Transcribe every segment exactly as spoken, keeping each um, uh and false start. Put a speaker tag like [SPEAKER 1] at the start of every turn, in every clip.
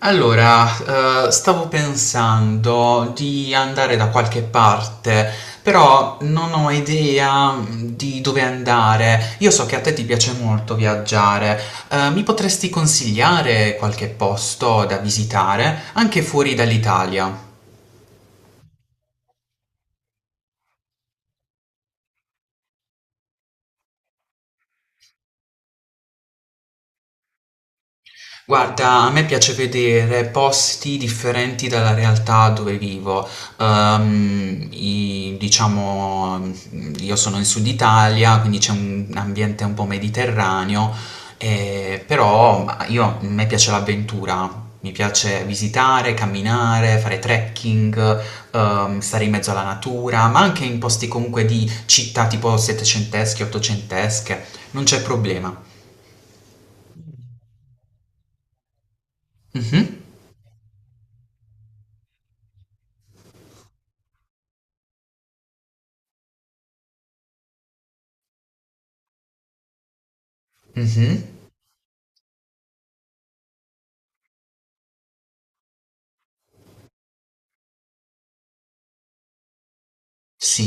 [SPEAKER 1] Allora, eh, stavo pensando di andare da qualche parte, però non ho idea mm, di dove andare. Io so che a te ti piace molto viaggiare. Eh, mi potresti consigliare qualche posto da visitare, anche fuori dall'Italia? Guarda, a me piace vedere posti differenti dalla realtà dove vivo. Ehm, i- diciamo, mm, io sono in Sud Italia, quindi c'è un ambiente un po' mediterraneo, eh, però ma io, a me piace l'avventura. Mi piace visitare, camminare, fare trekking, ehm, stare in mezzo alla natura, ma anche in posti comunque di città tipo settecentesche, ottocentesche, non c'è problema. Mhm, mhm, sì.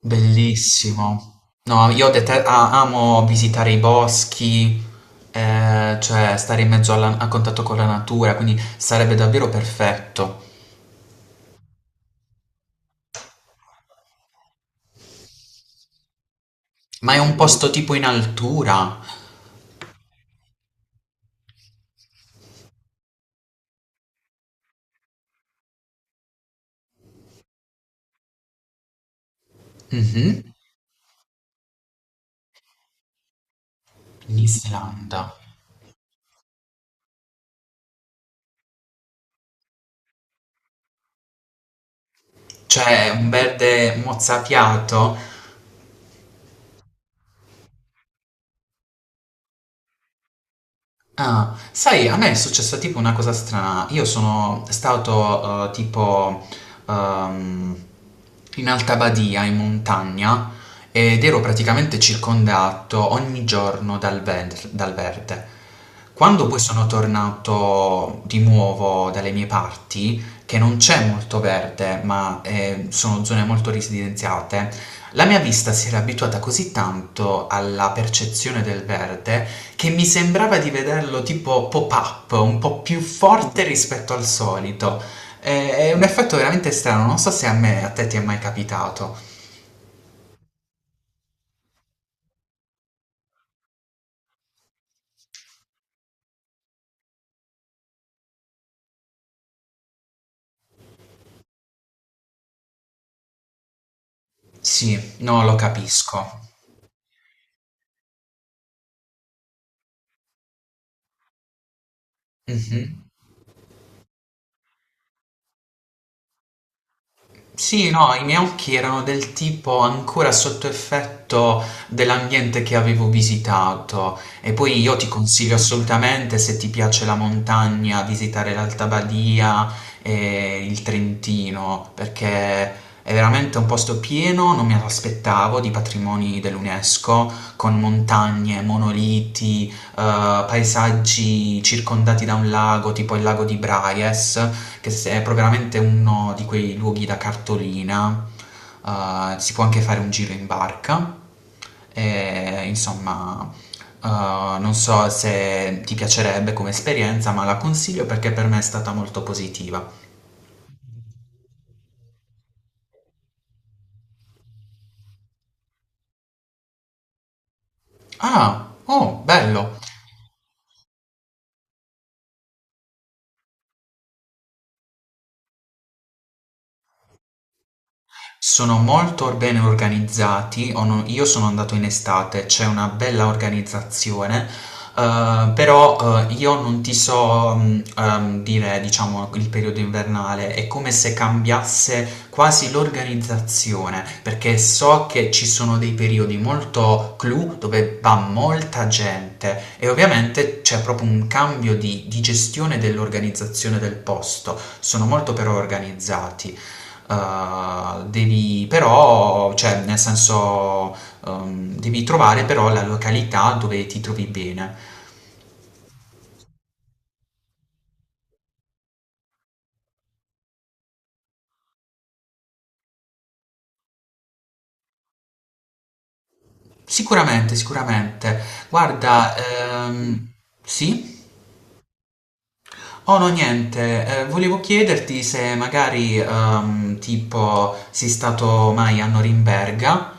[SPEAKER 1] Bellissimo. No, io dete- a- amo visitare i boschi, eh, cioè stare in mezzo alla- a contatto con la natura, quindi sarebbe davvero perfetto. Ma è un, mhm, posto tipo in altura? Mhm. In Islanda. Cioè, un verde mozzafiato. Ah, sai, a me è successa tipo una cosa strana. Io sono stato eh, tipo ehm, in Alta Badia, in montagna, ed ero praticamente circondato ogni giorno dal, ver- dal verde. Quando poi sono tornato di nuovo dalle mie parti, che non c'è molto verde, ma ehm, sono zone molto residenziate, la mia vista si era abituata così tanto alla percezione del verde che mi sembrava di vederlo tipo pop-up, un po' più forte rispetto al solito. Eh, È un effetto veramente strano, non so se a me, a te ti è mai capitato. Sì, no, lo capisco. Mhm. Sì, no, i miei occhi erano del tipo ancora sotto effetto dell'ambiente che avevo visitato. E poi io ti consiglio assolutamente, se ti piace la montagna, visitare l'Alta Badia e il Trentino, perché è veramente un posto pieno, non mi aspettavo, di patrimoni dell'UNESCO, con montagne, monoliti, eh, paesaggi circondati da un lago, tipo il lago di Braies, che se- è proprio veramente uno di quei luoghi da cartolina. Eh, si può anche fare un giro in barca. E, insomma, eh, non so se ti piacerebbe come esperienza, ma la consiglio perché per me è stata molto positiva. Ah, oh, bello! Sono molto bene organizzati, o no- io sono andato in estate, c'è una bella organizzazione, eh, però eh, io non ti so mh, ehm, dire, diciamo, il periodo invernale, è come se cambiasse quasi l'organizzazione, perché so che ci sono dei periodi molto clou dove va molta gente e ovviamente c'è proprio un cambio di di gestione dell'organizzazione del posto, sono molto però organizzati. Uh, devi però, cioè nel senso, um, devi trovare però la località dove ti trovi bene. Sicuramente, sicuramente. Guarda, ehm, sì? Oh no, niente, eh, volevo chiederti se magari, ehm, tipo, sei stato mai a Norimberga.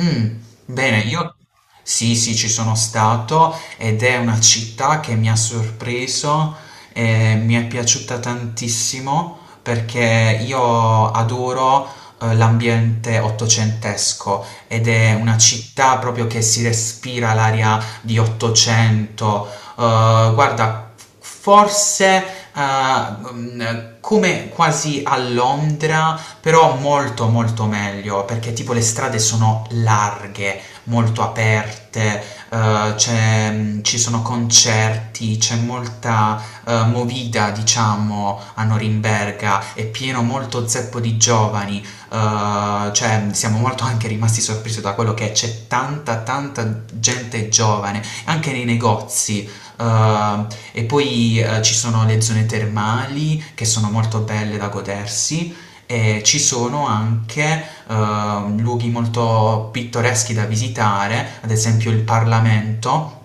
[SPEAKER 1] Mm, Bene, io sì, sì, ci sono stato ed è una città che mi ha sorpreso e mi è piaciuta tantissimo perché io adoro eh, l'ambiente ottocentesco ed è una città proprio che si respira l'aria di Ottocento. Eh, guarda, forse eh, mm, come quasi a Londra però molto molto meglio perché tipo le strade sono larghe, molto aperte, eh, c'è- mm, ci sono concerti, c'è molta eh, movida diciamo a Norimberga, è pieno molto zeppo di giovani, eh, cioè mm, siamo molto anche rimasti sorpresi da quello che c'è tanta tanta gente giovane, anche nei negozi. eh, e poi eh, ci sono le zone termali che sono molto belle da godersi, e ci sono anche eh, luoghi molto pittoreschi da visitare, ad esempio il Parlamento,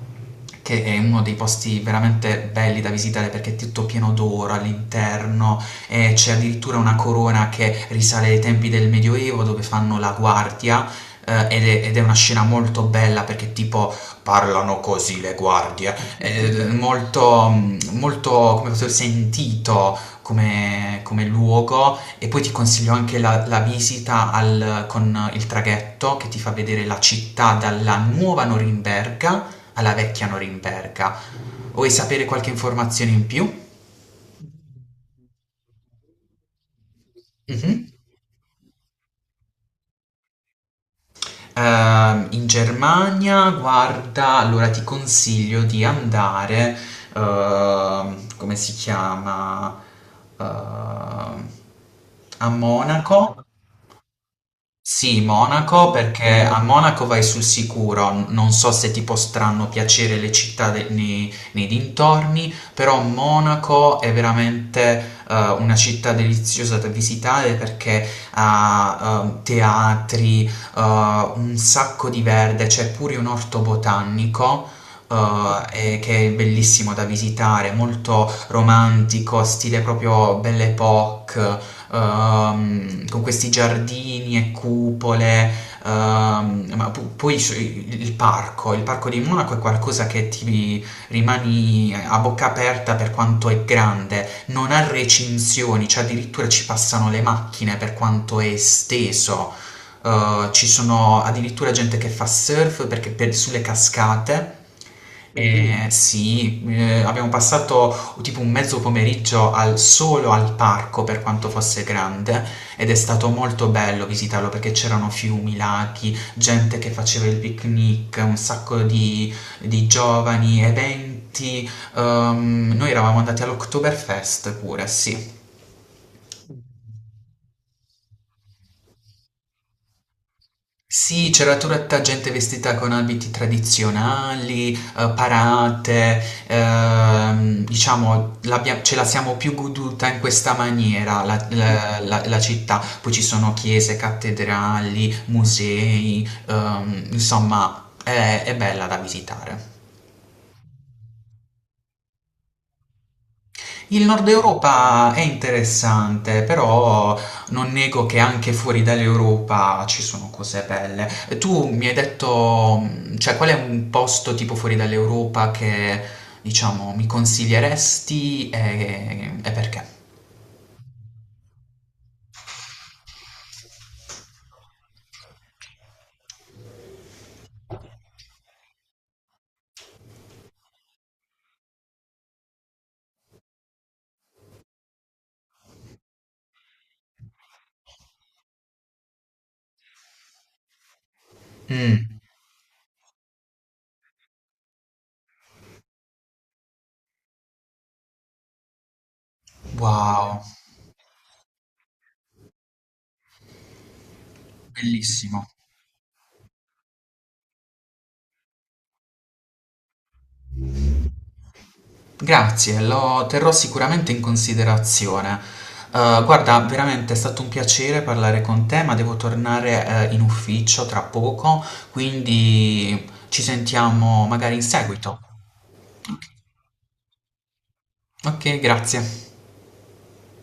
[SPEAKER 1] che è uno dei posti veramente belli da visitare perché è tutto pieno d'oro all'interno e c'è addirittura una corona che risale ai tempi del Medioevo dove fanno la guardia. eh, Ed è, ed è una scena molto bella perché tipo parlano così le guardie. Ed è eh, molto, mm, molto, come posso dire, sentito come, come, luogo. E poi ti consiglio anche la, la visita al- con il traghetto che ti fa vedere la città dalla nuova Norimberga alla vecchia Norimberga. Vuoi sapere qualche informazione in più? Mhm. Ehm, in Germania, guarda, allora ti consiglio di andare, ehm, come si chiama? Ehm, A Monaco. Sì, Monaco, perché a Monaco vai sul sicuro, n- non so se ti potranno piacere le città de- nei, nei dintorni, però Monaco è veramente eh, una città deliziosa da visitare perché ha eh, teatri, eh, un sacco di verde, c'è pure un orto botanico eh, e che è bellissimo da visitare, molto romantico, stile proprio Belle Époque, ehm, con questi giardini e cupole. Ehm, ma pu- poi c- il parco, il parco di Monaco è qualcosa che ti rimani a bocca aperta per quanto è grande, non ha recinzioni, cioè addirittura ci passano le macchine per quanto è esteso. Eh, ci sono addirittura gente che fa surf perché per- sulle cascate. Oddio. Eh, sì, eh, abbiamo passato tipo un mezzo pomeriggio al- solo al parco per quanto fosse grande ed è stato molto bello visitarlo perché c'erano fiumi, laghi, gente che faceva il picnic, un sacco di, di giovani, eventi. Ehm, noi eravamo andati all'Oktoberfest pure, sì. Sì, c'era tutta gente vestita con abiti tradizionali, eh, parate, ehm, diciamo, l'abbia- ce la siamo più goduta in questa maniera la, la- la- la città. Poi ci sono chiese, cattedrali, musei, ehm, insomma, è è bella da visitare. Il Nord Europa è interessante, però non nego che anche fuori dall'Europa ci sono cose belle. E tu mi hai detto, mh, cioè, qual è un posto tipo fuori dall'Europa che, diciamo, mi consiglieresti e, e perché? Mm, wow, bellissimo. Grazie, lo terrò sicuramente in considerazione. Eh, guarda, veramente è stato un piacere parlare con te, ma devo tornare, eh, in ufficio tra poco, quindi ci sentiamo magari in seguito. Ok, grazie.